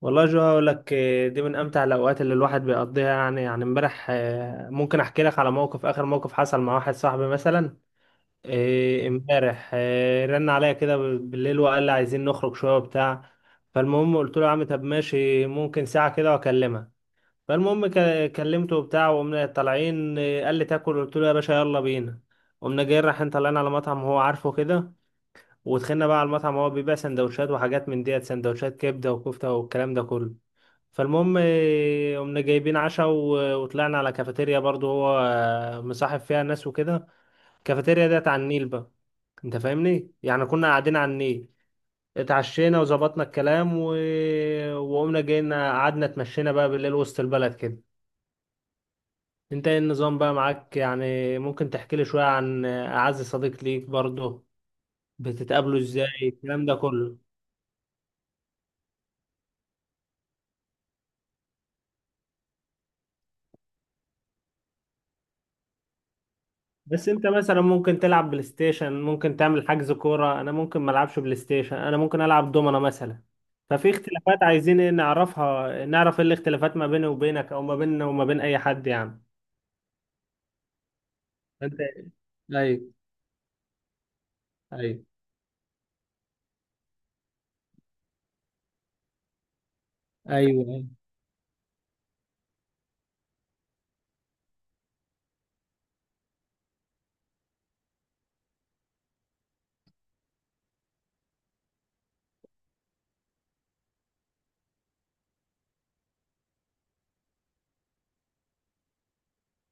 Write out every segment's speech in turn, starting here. والله جو هقول لك دي من امتع الاوقات اللي الواحد بيقضيها، يعني امبارح ممكن احكي لك على موقف. اخر موقف حصل مع واحد صاحبي مثلا، امبارح رن عليا كده بالليل وقال لي عايزين نخرج شويه وبتاع. فالمهم قلت له يا عم طب ماشي، ممكن ساعه كده واكلمها. فالمهم كلمته وبتاع وقمنا طالعين، قال لي تاكل، قلت له يا باشا يلا بينا. قمنا جايين رايحين طالعين على مطعم هو عارفه كده، ودخلنا بقى على المطعم. هو بيبيع سندوتشات وحاجات من ديت، سندوتشات كبده وكفته والكلام ده كله. فالمهم قمنا جايبين عشاء وطلعنا على كافيتيريا برضو، هو مصاحب فيها ناس وكده. الكافيتيريا ديت على النيل بقى. انت فاهمني؟ يعني كنا قاعدين على النيل، اتعشينا وظبطنا الكلام وقمنا جينا قعدنا اتمشينا بقى بالليل وسط البلد كده. انت ايه النظام بقى معاك؟ يعني ممكن تحكي لي شوية عن أعز صديق ليك برضه؟ بتتقابلوا ازاي، الكلام ده كله؟ بس انت مثلا ممكن تلعب بلاي ستيشن، ممكن تعمل حجز كورة. انا ممكن ما العبش بلاي ستيشن، انا ممكن العب دومنا مثلا. ففي اختلافات، عايزين ايه نعرفها؟ نعرف ايه الاختلافات ما بيني وبينك، او ما بيننا وما بين اي حد يعني. انت. ايوه، ايوه، ايوه، أيوة.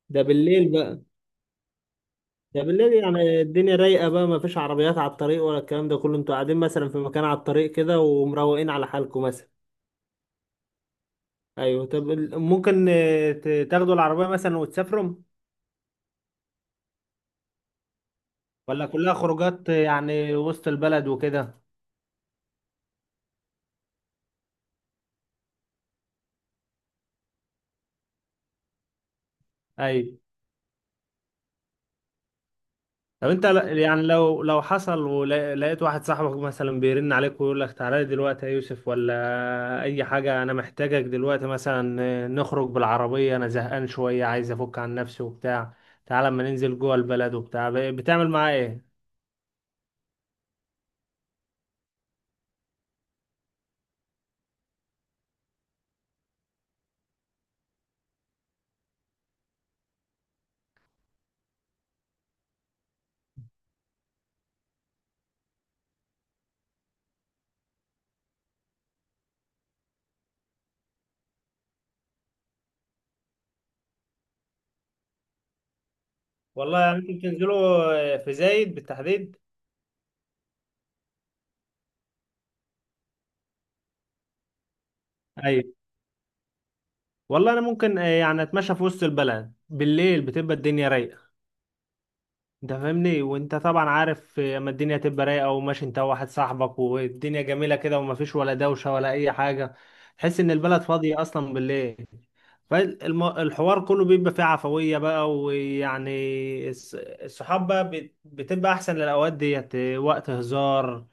ده بالليل بقى. ده بالليل يعني الدنيا رايقة بقى، ما فيش عربيات على الطريق ولا الكلام ده كله. انتوا قاعدين مثلا في مكان على الطريق كده ومروقين على حالكم مثلا. ايوه. طب ممكن تاخدوا العربية مثلا وتسافروا، ولا كلها خروجات يعني وسط البلد وكده؟ ايوه. طب انت يعني لو حصل ولقيت واحد صاحبك مثلا بيرن عليك ويقول لك تعالى لي دلوقتي يا يوسف ولا اي حاجة، انا محتاجك دلوقتي مثلا نخرج بالعربية، انا زهقان شوية عايز افك عن نفسي وبتاع، تعالى اما ننزل جوه البلد وبتاع، بتعمل معاه ايه؟ والله يعني انتوا بتنزلوا في زايد بالتحديد؟ ايوه. والله انا ممكن يعني اتمشى في وسط البلد بالليل، بتبقى الدنيا رايقة. انت فاهمني؟ وانت طبعا عارف اما الدنيا تبقى رايقه وماشي انت وواحد صاحبك، والدنيا جميله كده ومفيش ولا دوشه ولا اي حاجه. تحس ان البلد فاضيه اصلا بالليل. فالحوار كله بيبقى فيه عفويه بقى، ويعني الصحاب بقى بتبقى احسن للاوقات ديت، وقت هزار،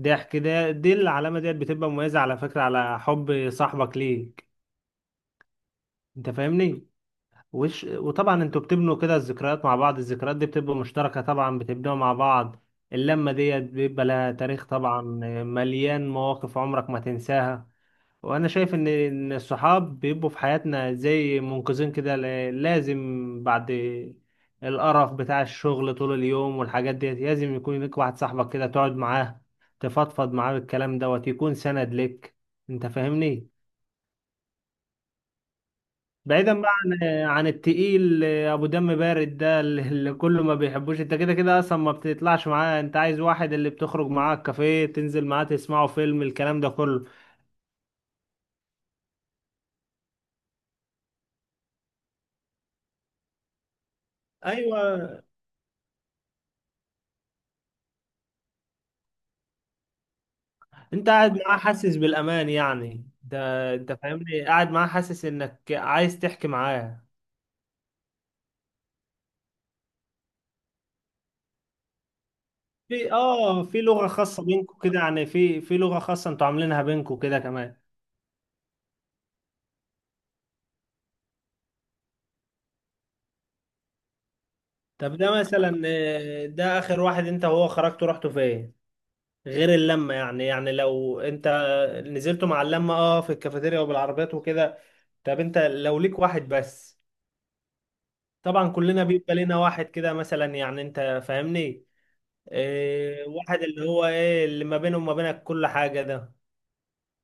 ضحك. ده دي العلامه ديت بتبقى مميزه على فكره على حب صاحبك ليك. انت فاهمني؟ وطبعا انتوا بتبنوا كده الذكريات مع بعض. الذكريات دي بتبقى مشتركة طبعا، بتبنوها مع بعض. اللمة ديت بيبقى لها تاريخ طبعا، مليان مواقف عمرك ما تنساها. وانا شايف ان الصحاب بيبقوا في حياتنا زي منقذين كده. لازم بعد القرف بتاع الشغل طول اليوم والحاجات ديت، لازم يكون لك واحد صاحبك كده تقعد معاه، تفضفض معاه بالكلام دوت، يكون سند لك. انت فاهمني؟ بعيدا بقى عن عن التقيل ابو دم بارد ده اللي كله ما بيحبوش. انت كده كده اصلا ما بتطلعش معاه. انت عايز واحد اللي بتخرج معاه الكافيه، تنزل معاه، تسمعوا فيلم، الكلام ده كله. ايوه. انت قاعد معاه حاسس بالامان يعني، ده انت فاهمني قاعد معاه حاسس انك عايز تحكي معاه. في اه في لغة خاصة بينكم كده يعني؟ في لغة خاصة انتوا عاملينها بينكم كده كمان؟ طب ده مثلا ده اخر واحد انت وهو خرجتوا، رحتوا فين غير اللمة؟ يعني لو انت نزلتوا مع اللمة في الكافيتيريا وبالعربيات وكده، طب انت لو ليك واحد بس، طبعا كلنا بيبقى لنا واحد كده مثلا، يعني انت فاهمني، واحد اللي هو ايه، اللي ما بينه وما بينك كل حاجة ده،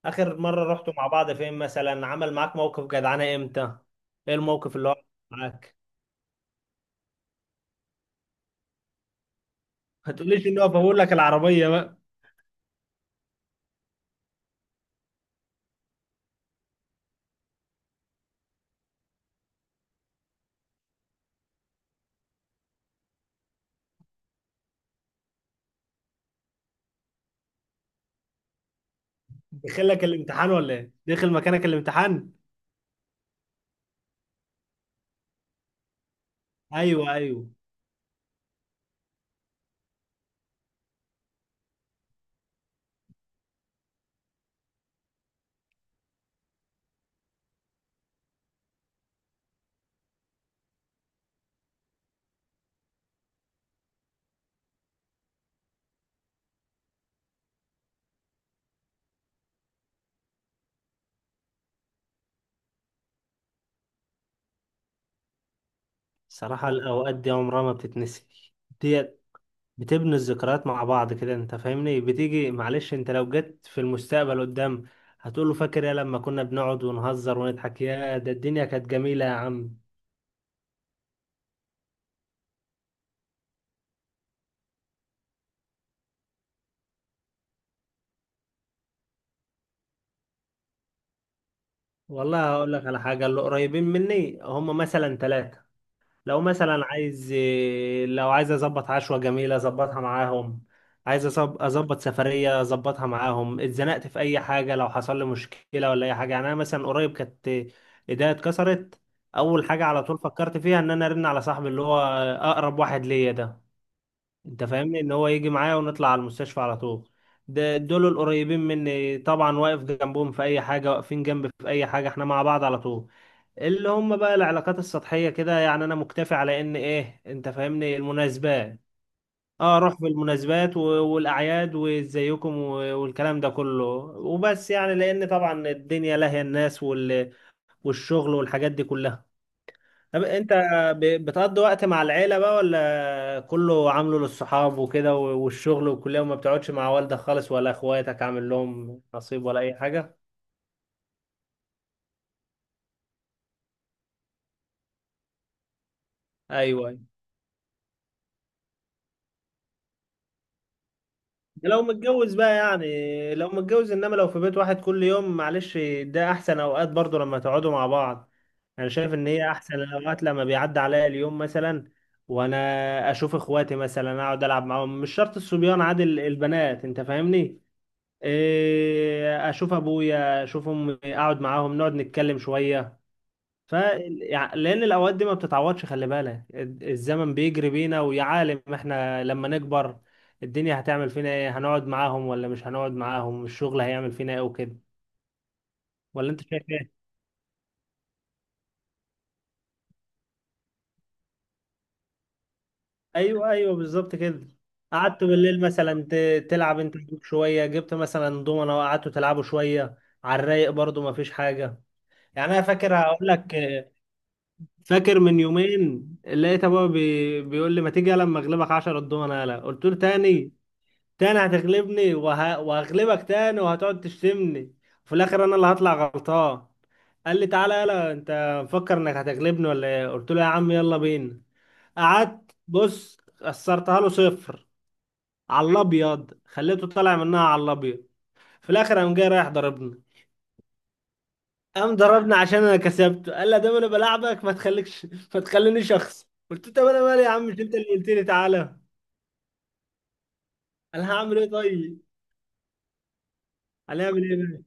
اخر مرة رحتوا مع بعض فين مثلا؟ عمل معاك موقف جدعانة امتى؟ ايه الموقف اللي هو عمل معاك؟ ما تقوليش ان هو بقول لك العربية بقى. دخل لك الامتحان ولا ايه؟ دخل مكانك الامتحان؟ ايوه، ايوه. صراحة الأوقات دي عمرها ما بتتنسي ديت. بتبني الذكريات مع بعض كده، أنت فاهمني؟ بتيجي، معلش، أنت لو جيت في المستقبل قدام هتقوله فاكر يا لما كنا بنقعد ونهزر ونضحك، يا ده الدنيا كانت جميلة يا عم. والله هقول لك على حاجة. اللي قريبين مني هم مثلا ثلاثة. لو مثلا عايز لو عايز اظبط عشوة جميلة اظبطها معاهم، عايز اظبط سفرية اظبطها معاهم، اتزنقت في اي حاجة، لو حصل لي مشكلة ولا اي حاجة يعني. انا مثلا قريب كانت ايديا اتكسرت، اول حاجة على طول فكرت فيها ان انا ارن على صاحبي اللي هو اقرب واحد ليا ده. انت فاهمني؟ ان هو يجي معايا ونطلع على المستشفى على طول. ده دول القريبين مني طبعا، واقف جنبهم في اي حاجه، واقفين جنبي في اي حاجه، احنا مع بعض على طول. اللي هم بقى العلاقات السطحيه كده، يعني انا مكتفي على ان ايه، انت فاهمني، المناسبات. اه اروح في المناسبات والاعياد وازيكم والكلام ده كله، وبس يعني. لان طبعا الدنيا لاهيه الناس والشغل والحاجات دي كلها. طب انت بتقضي وقت مع العيلة بقى، ولا كله عامله للصحاب وكده والشغل والكلية، وما بتقعدش مع والدك خالص ولا اخواتك، عامل لهم نصيب ولا اي حاجة؟ ايوه، ايوه. ده لو متجوز بقى يعني، لو متجوز. انما لو في بيت واحد كل يوم، معلش ده احسن اوقات برضو لما تقعدوا مع بعض. انا شايف ان هي احسن الاوقات لما بيعدي عليا اليوم مثلا وانا اشوف اخواتي مثلا، اقعد العب معاهم، مش شرط الصبيان، عادي البنات، انت فاهمني، اشوف ابويا، اشوف امي، اقعد معاهم نقعد نتكلم شويه. ف يعني لان الاوقات دي ما بتتعوضش. خلي بالك الزمن بيجري بينا، ويا عالم احنا لما نكبر الدنيا هتعمل فينا ايه، هنقعد معاهم ولا مش هنقعد معاهم، الشغل هيعمل فينا ايه وكده. ولا انت شايف ايه؟ ايوه، ايوه، بالظبط كده. قعدت بالليل مثلا تلعب انت وأبوك شويه، جبت مثلا دومنا وقعدتوا تلعبوا شويه، على الرايق برضو ما فيش حاجه. يعني انا فاكر هقول لك. فاكر من يومين لقيت ابويا بيقول لي ما تيجي لما اغلبك 10 الضمنه، يلا. قلت له تاني؟ تاني هتغلبني وهغلبك تاني وهتقعد تشتمني، وفي الاخر انا اللي هطلع غلطان. قال لي تعالى يلا، انت مفكر انك هتغلبني ولا ايه؟ قلت له يا عم يلا بينا. قعدت بص خسرتها له صفر على الابيض، خليته طالع منها على الابيض. في الاخر قام جاي رايح ضربني. قام ضربني عشان انا كسبته. قال لا دام انا بلاعبك ما تخليكش، ما تخلينيش شخص. قلت له طب انا مالي يا عم، مش انت اللي قلت لي تعالى؟ انا هعمل ايه طيب؟ هنعمل ايه بقى؟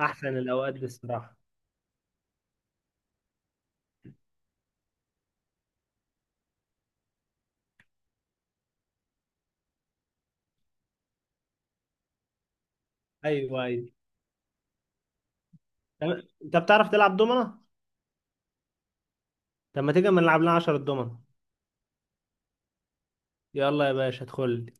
احسن الاوقات دي الصراحه. ايوه، ايوه. انت بتعرف تلعب دومنه؟ طب ما تيجي اما نلعب لنا 10 دومنه. يلا يا باشا ادخل لي.